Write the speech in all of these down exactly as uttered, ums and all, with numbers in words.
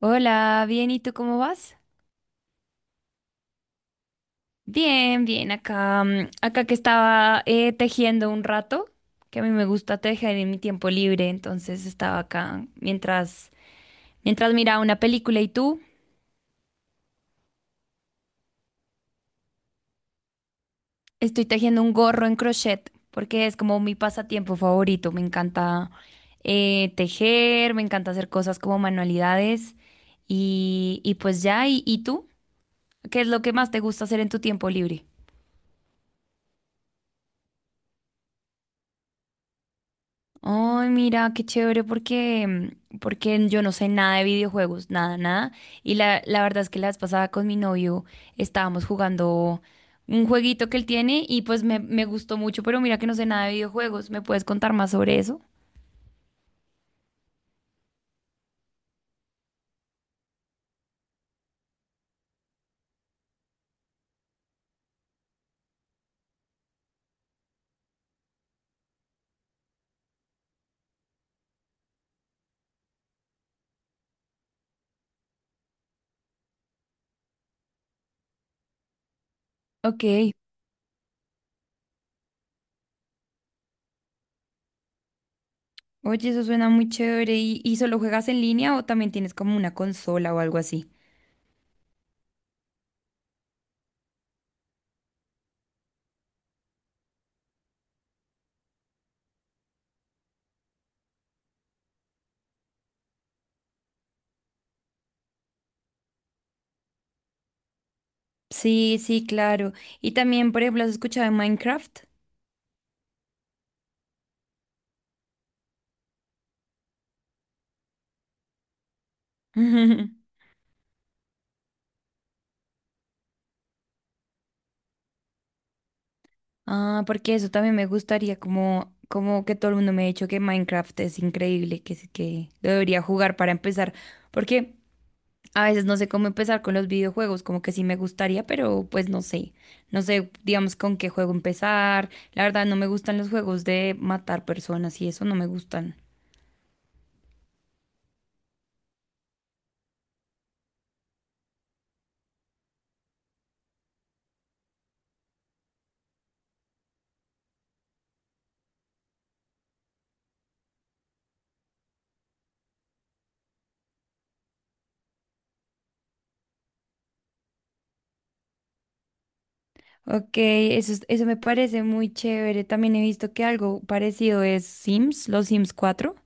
Hola, bien, ¿y tú cómo vas? Bien, bien, acá, mm, acá que estaba eh, tejiendo un rato, que a mí me gusta tejer en mi tiempo libre, entonces estaba acá mientras, mientras miraba una película. ¿Y tú? Estoy tejiendo un gorro en crochet, porque es como mi pasatiempo favorito, me encanta eh, tejer, me encanta hacer cosas como manualidades y, y pues ya. ¿Y, y tú? ¿Qué es lo que más te gusta hacer en tu tiempo libre? Ay, mira, qué chévere porque, porque yo no sé nada de videojuegos, nada, nada. Y la, la verdad es que la vez pasada con mi novio estábamos jugando un jueguito que él tiene y pues me, me gustó mucho, pero mira que no sé nada de videojuegos. ¿Me puedes contar más sobre eso? Ok. Oye, eso suena muy chévere. ¿Y, y solo juegas en línea o también tienes como una consola o algo así? Sí, sí, claro. Y también, por ejemplo, ¿has escuchado de Minecraft? Ah, porque eso también me gustaría, como, como que todo el mundo me ha dicho que Minecraft es increíble, que, sí, que lo debería jugar para empezar, porque a veces no sé cómo empezar con los videojuegos, como que sí me gustaría, pero pues no sé, no sé, digamos, con qué juego empezar. La verdad, no me gustan los juegos de matar personas y eso, no me gustan. Ok, eso, es- eso me parece muy chévere. También he visto que algo parecido es Sims, los Sims cuatro.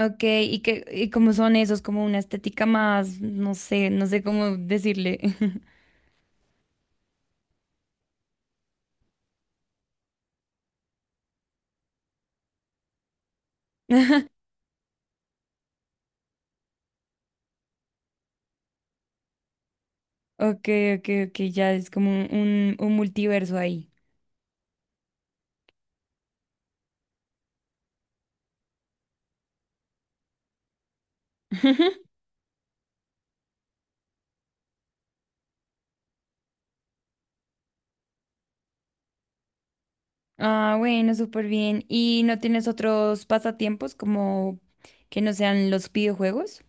Ok, ¿y que y cómo son esos? Como una estética más, no sé, no sé cómo decirle. Ok, ok, ok, ya es como un, un multiverso ahí. Ah, bueno, súper bien. ¿Y no tienes otros pasatiempos como que no sean los videojuegos?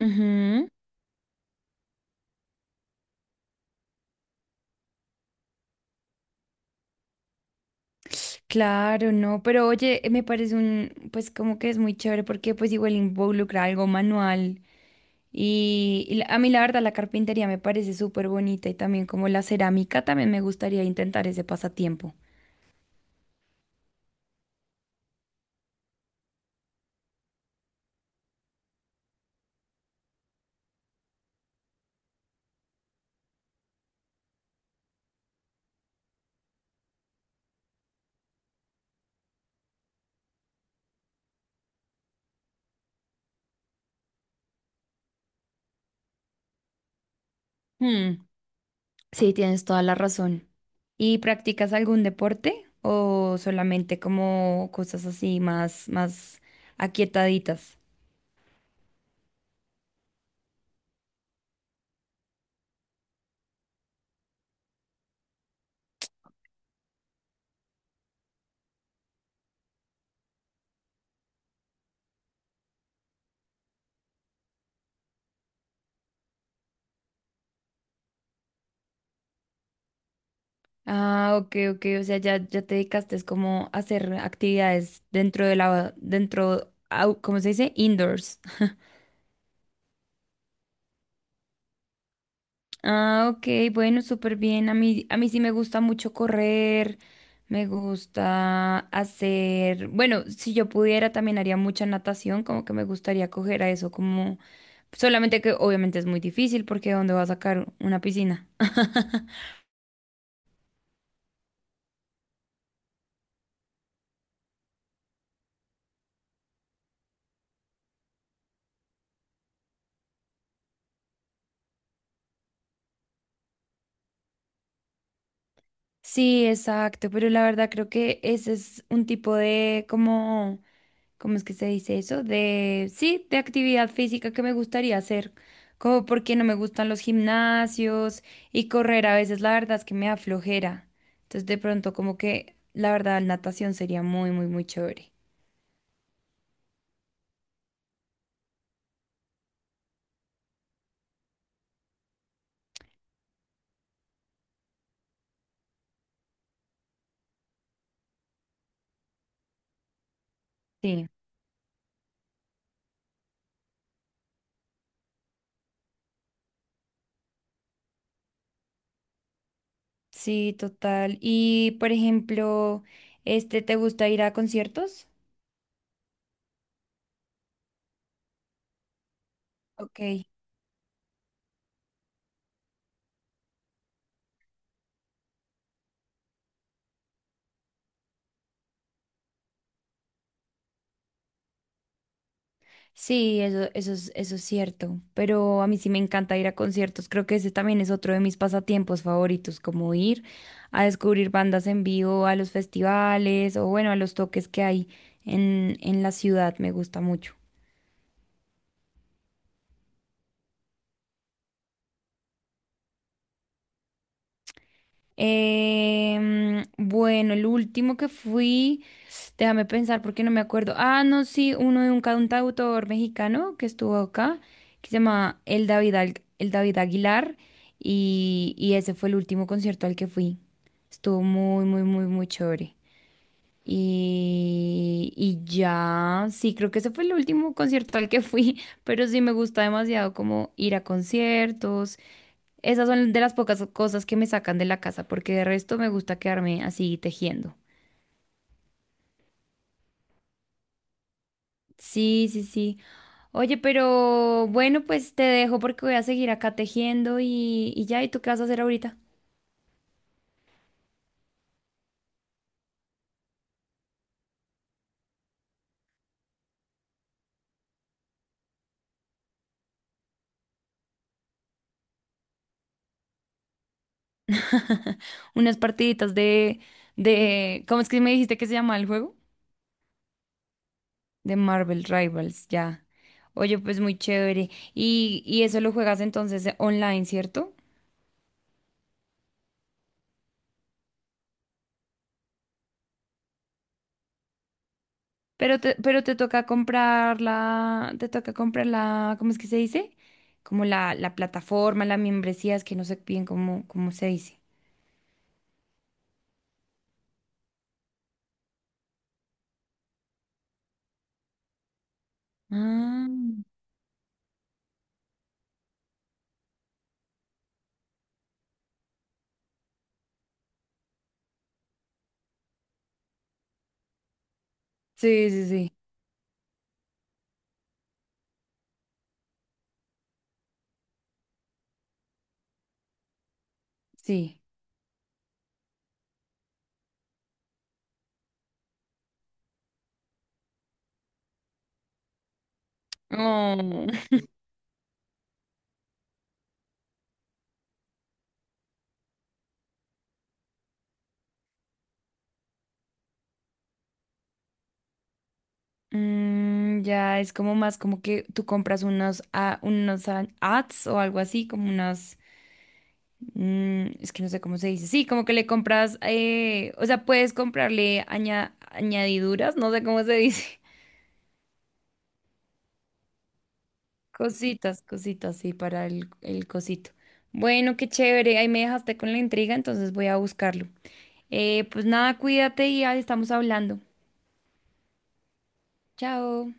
Ujú. Claro, no, pero oye, me parece un, pues como que es muy chévere porque pues igual involucra algo manual y, y la- a mí la verdad la carpintería me parece súper bonita y también como la cerámica, también me gustaría intentar ese pasatiempo. Hmm, sí, tienes toda la razón. ¿Y practicas algún deporte o solamente como cosas así más, más aquietaditas? Ah, ok, ok, o sea, ya, ya te dedicaste es como a hacer actividades dentro de la, dentro, au- ¿cómo se dice? Indoors. Ah, ok, bueno, súper bien. A mí, a mí sí me gusta mucho correr, me gusta hacer, bueno, si yo pudiera también haría mucha natación, como que me gustaría coger a eso, como, solamente que obviamente es muy difícil porque ¿dónde va a sacar una piscina? Sí, exacto, pero la verdad creo que ese es un tipo de como ¿cómo es que se dice eso? De, sí, de actividad física que me gustaría hacer, como porque no me gustan los gimnasios y correr a veces la verdad es que me da flojera. Entonces de pronto como que la verdad natación sería muy, muy, muy chévere. Sí, sí, total. Y por ejemplo, este, ¿te gusta ir a conciertos? Ok. Sí, eso, eso es, eso es cierto, pero a mí sí me encanta ir a conciertos, creo que ese también es otro de mis pasatiempos favoritos, como ir a descubrir bandas en vivo, a los festivales o bueno, a los toques que hay en, en la ciudad, me gusta mucho. Em, bueno, el último que fui, déjame pensar porque no me acuerdo. Ah, no, sí, uno de un cantautor mexicano que estuvo acá, que se llama El David, Al- el David Aguilar, y, y ese fue el último concierto al que fui. Estuvo muy, muy, muy, muy chévere. Y, y ya, sí, creo que ese fue el último concierto al que fui, pero sí me gusta demasiado como ir a conciertos. Esas son de las pocas cosas que me sacan de la casa, porque de resto me gusta quedarme así tejiendo. Sí, sí, sí. Oye, pero bueno, pues te dejo porque voy a seguir acá tejiendo y, y ya. ¿Y tú qué vas a hacer ahorita? Unas partiditas de, de, ¿cómo es que me dijiste que se llama el juego? De Marvel Rivals, ya. Oye, pues muy chévere. Y, y eso lo juegas entonces eh, online, ¿cierto? Pero te, pero te toca comprar la, te toca comprar la, ¿cómo es que se dice? Como la, la plataforma, la membresía, es que no sé bien cómo, cómo se dice. Ah, sí, sí, sí, sí. Oh. Mm, ya es como más como que tú compras unos, a- unos a- ads o algo así, como unas, mm, es que no sé cómo se dice. Sí, como que le compras, eh, o sea, puedes comprarle aña- añadiduras, no sé cómo se dice. Cositas, cositas, sí, para el, el cosito. Bueno, qué chévere, ahí me dejaste con la intriga, entonces voy a buscarlo. Eh, pues nada, cuídate y ahí estamos hablando. Chao.